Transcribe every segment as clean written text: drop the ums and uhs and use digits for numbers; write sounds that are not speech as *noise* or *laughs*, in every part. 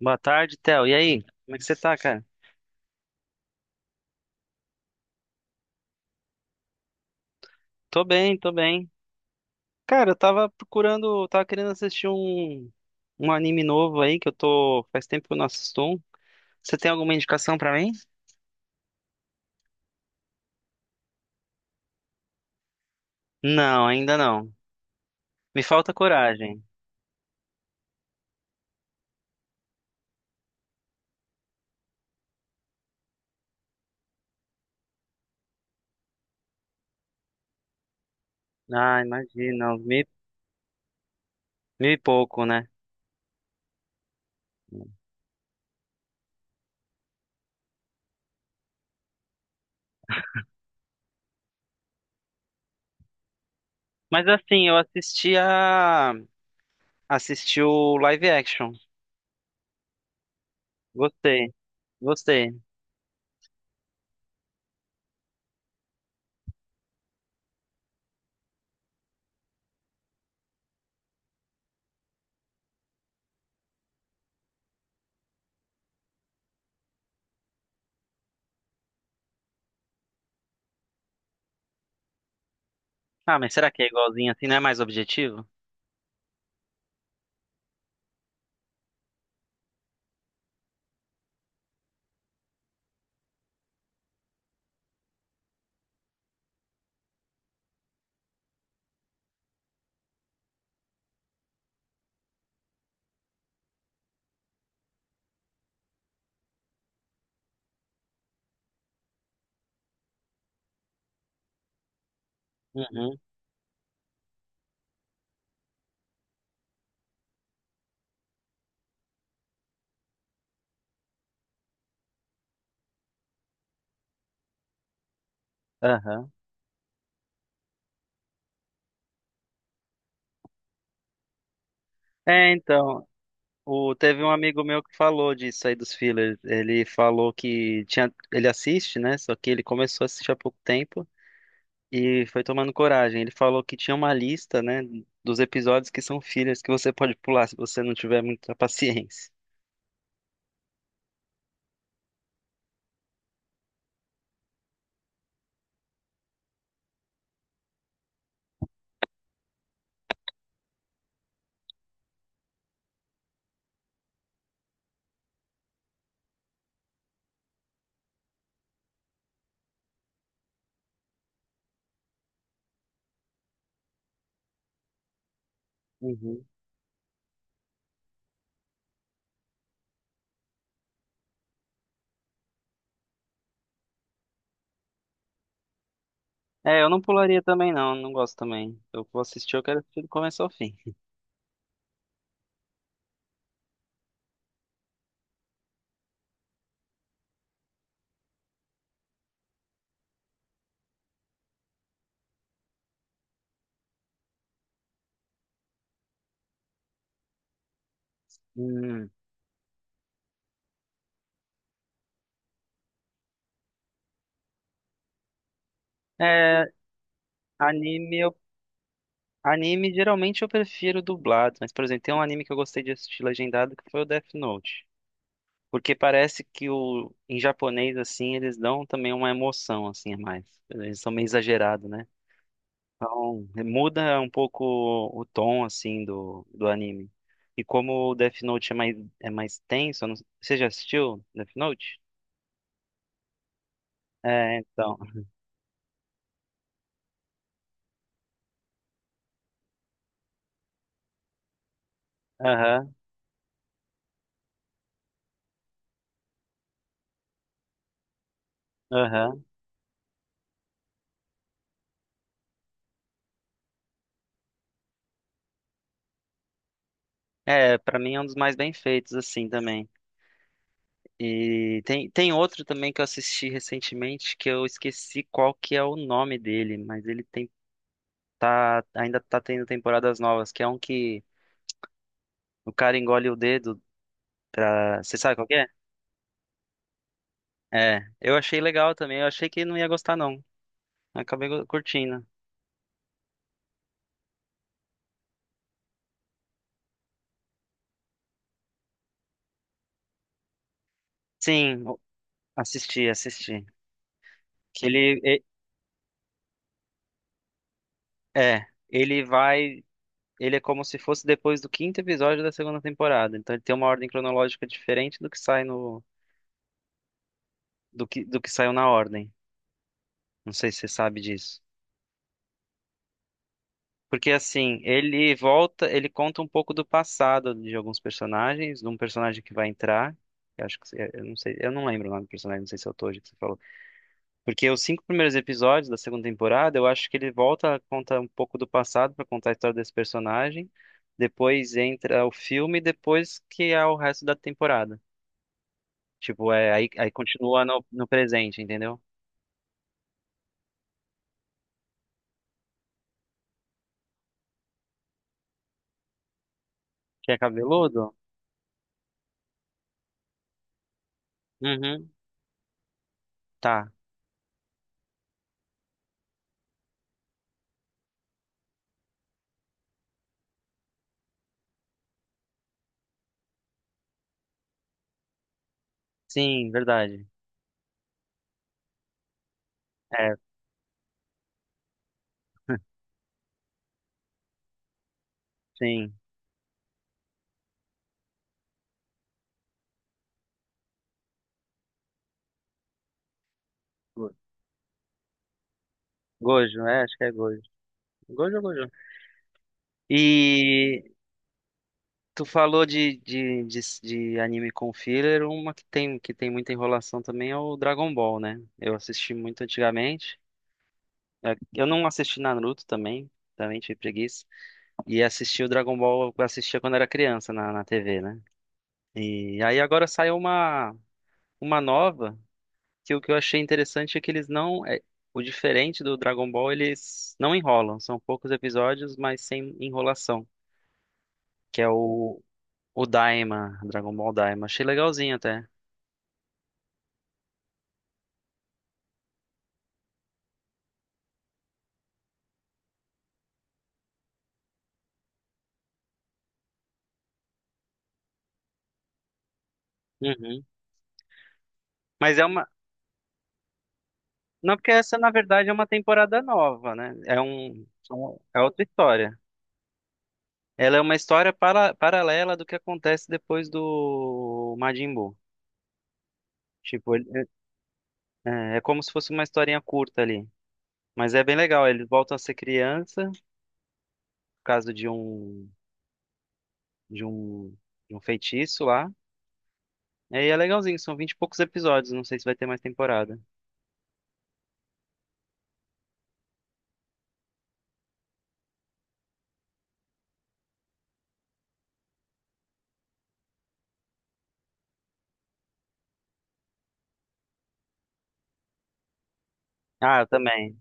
Boa tarde, Theo. E aí? Como é que você tá, cara? Tô bem, tô bem. Cara, eu tava querendo assistir um anime novo aí que eu tô. Faz tempo que eu não assisto um. Você tem alguma indicação pra mim? Não, ainda não. Me falta coragem. Ah, imagina, uns mil, pouco, né? Mas assim, eu assisti a. Assisti o live action. Gostei, gostei. Ah, mas será que é igualzinho assim? Não é mais objetivo? Uhum. Aham. É, então. O, teve um amigo meu que falou disso aí dos fillers. Ele falou que tinha, ele assiste, né? Só que ele começou a assistir há pouco tempo e foi tomando coragem. Ele falou que tinha uma lista, né, dos episódios que são fillers que você pode pular se você não tiver muita *laughs* paciência. Uhum. É, eu não pularia também, não. Não gosto também. Eu vou assistir, eu quero assistir do começo ao fim. Hum. É, anime, eu, anime geralmente eu prefiro dublado, mas, por exemplo, tem um anime que eu gostei de assistir legendado que foi o Death Note. Porque parece que o em japonês assim eles dão também uma emoção assim a mais. Eles são meio exagerados, né? Então, é, muda um pouco o tom assim do anime. E como o Death Note é mais tenso, eu não- você já assistiu Death Note? É, então. Aham, aham. É, pra mim é um dos mais bem feitos assim também. E tem outro também que eu assisti recentemente que eu esqueci qual que é o nome dele, mas ele tem tá, ainda tá tendo temporadas novas, que é um que o cara engole o dedo pra. Você sabe qual que é? É, eu achei legal também, eu achei que não ia gostar, não. Curtindo. Sim, o- Assisti, assisti. Que ele e- É, ele vai. Ele é como se fosse depois do quinto episódio da segunda temporada. Então ele tem uma ordem cronológica diferente do que sai no. Do que saiu na ordem. Não sei se você sabe disso. Porque assim, ele volta, ele conta um pouco do passado de alguns personagens, de um personagem que vai entrar. Eu acho que eu não sei, eu não lembro o nome do personagem, não sei se é o Toji que você falou. Porque os cinco primeiros episódios da segunda temporada, eu acho que ele volta, conta um pouco do passado para contar a história desse personagem. Depois entra o filme, e depois que é o resto da temporada. Tipo, é aí, aí continua no presente, entendeu? Que é cabeludo? Uhum. Tá. Sim, verdade. É, sim. Go- Gojo, é, acho que é Gojo. Gojo, Gojo. E tu falou de anime com filler, uma que tem muita enrolação também é o Dragon Ball, né? Eu assisti muito antigamente. É, eu não assisti Naruto também, também tive preguiça. E assisti o Dragon Ball, eu assistia quando era criança na TV, né? E aí agora saiu uma nova, que o que eu achei interessante é que eles não. É, o diferente do Dragon Ball, eles não enrolam. São poucos episódios, mas sem enrolação. Que é o O Daima, Dragon Ball Daima. Achei legalzinho até. Uhum. Mas é uma. Não, porque essa, na verdade, é uma temporada nova, né? É um. É um, é outra história. Ela é uma história para... paralela do que acontece depois do Majin Buu. Tipo, ele- é... é é como se fosse uma historinha curta ali. Mas é bem legal. Eles voltam a ser criança, por causa de um. De um. De um feitiço lá. E aí é legalzinho, são vinte e poucos episódios. Não sei se vai ter mais temporada. Ah, eu também.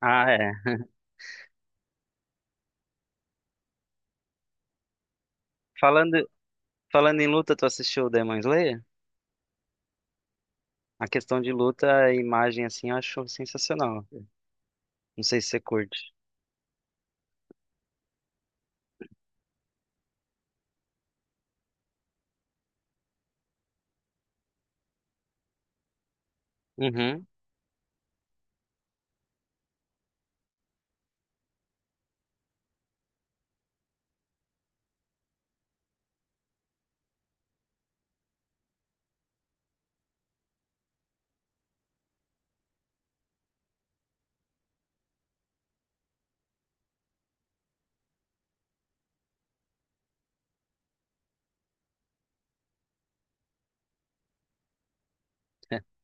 Ah, é. Falando. Falando em luta, tu assistiu o Demon Slayer? A questão de luta, a imagem assim, eu acho sensacional. Não sei se você curte. Uhum. *laughs*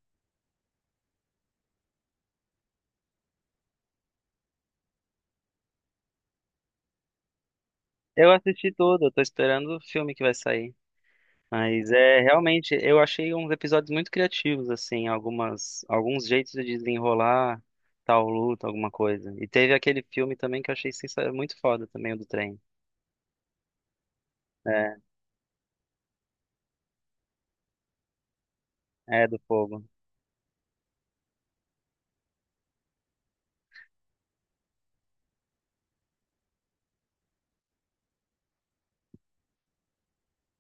Eu assisti tudo, eu tô esperando o filme que vai sair. Mas é realmente, eu achei uns episódios muito criativos, assim, algumas, alguns jeitos de desenrolar tal luta, alguma coisa. E teve aquele filme também que eu achei sensa- muito foda também, o do trem. É, é do fogo.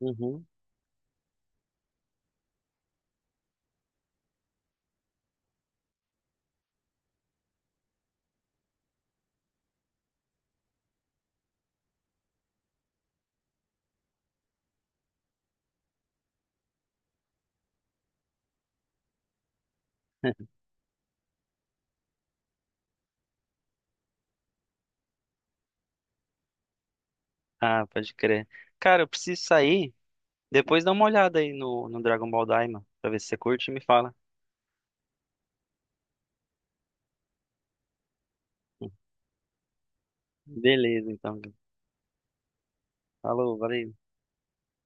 Uhum. *laughs* Ah, pode crer. Cara, eu preciso sair. Depois dá uma olhada aí no Dragon Ball Daima, pra ver se você curte e me fala. Beleza, então. Falou, valeu.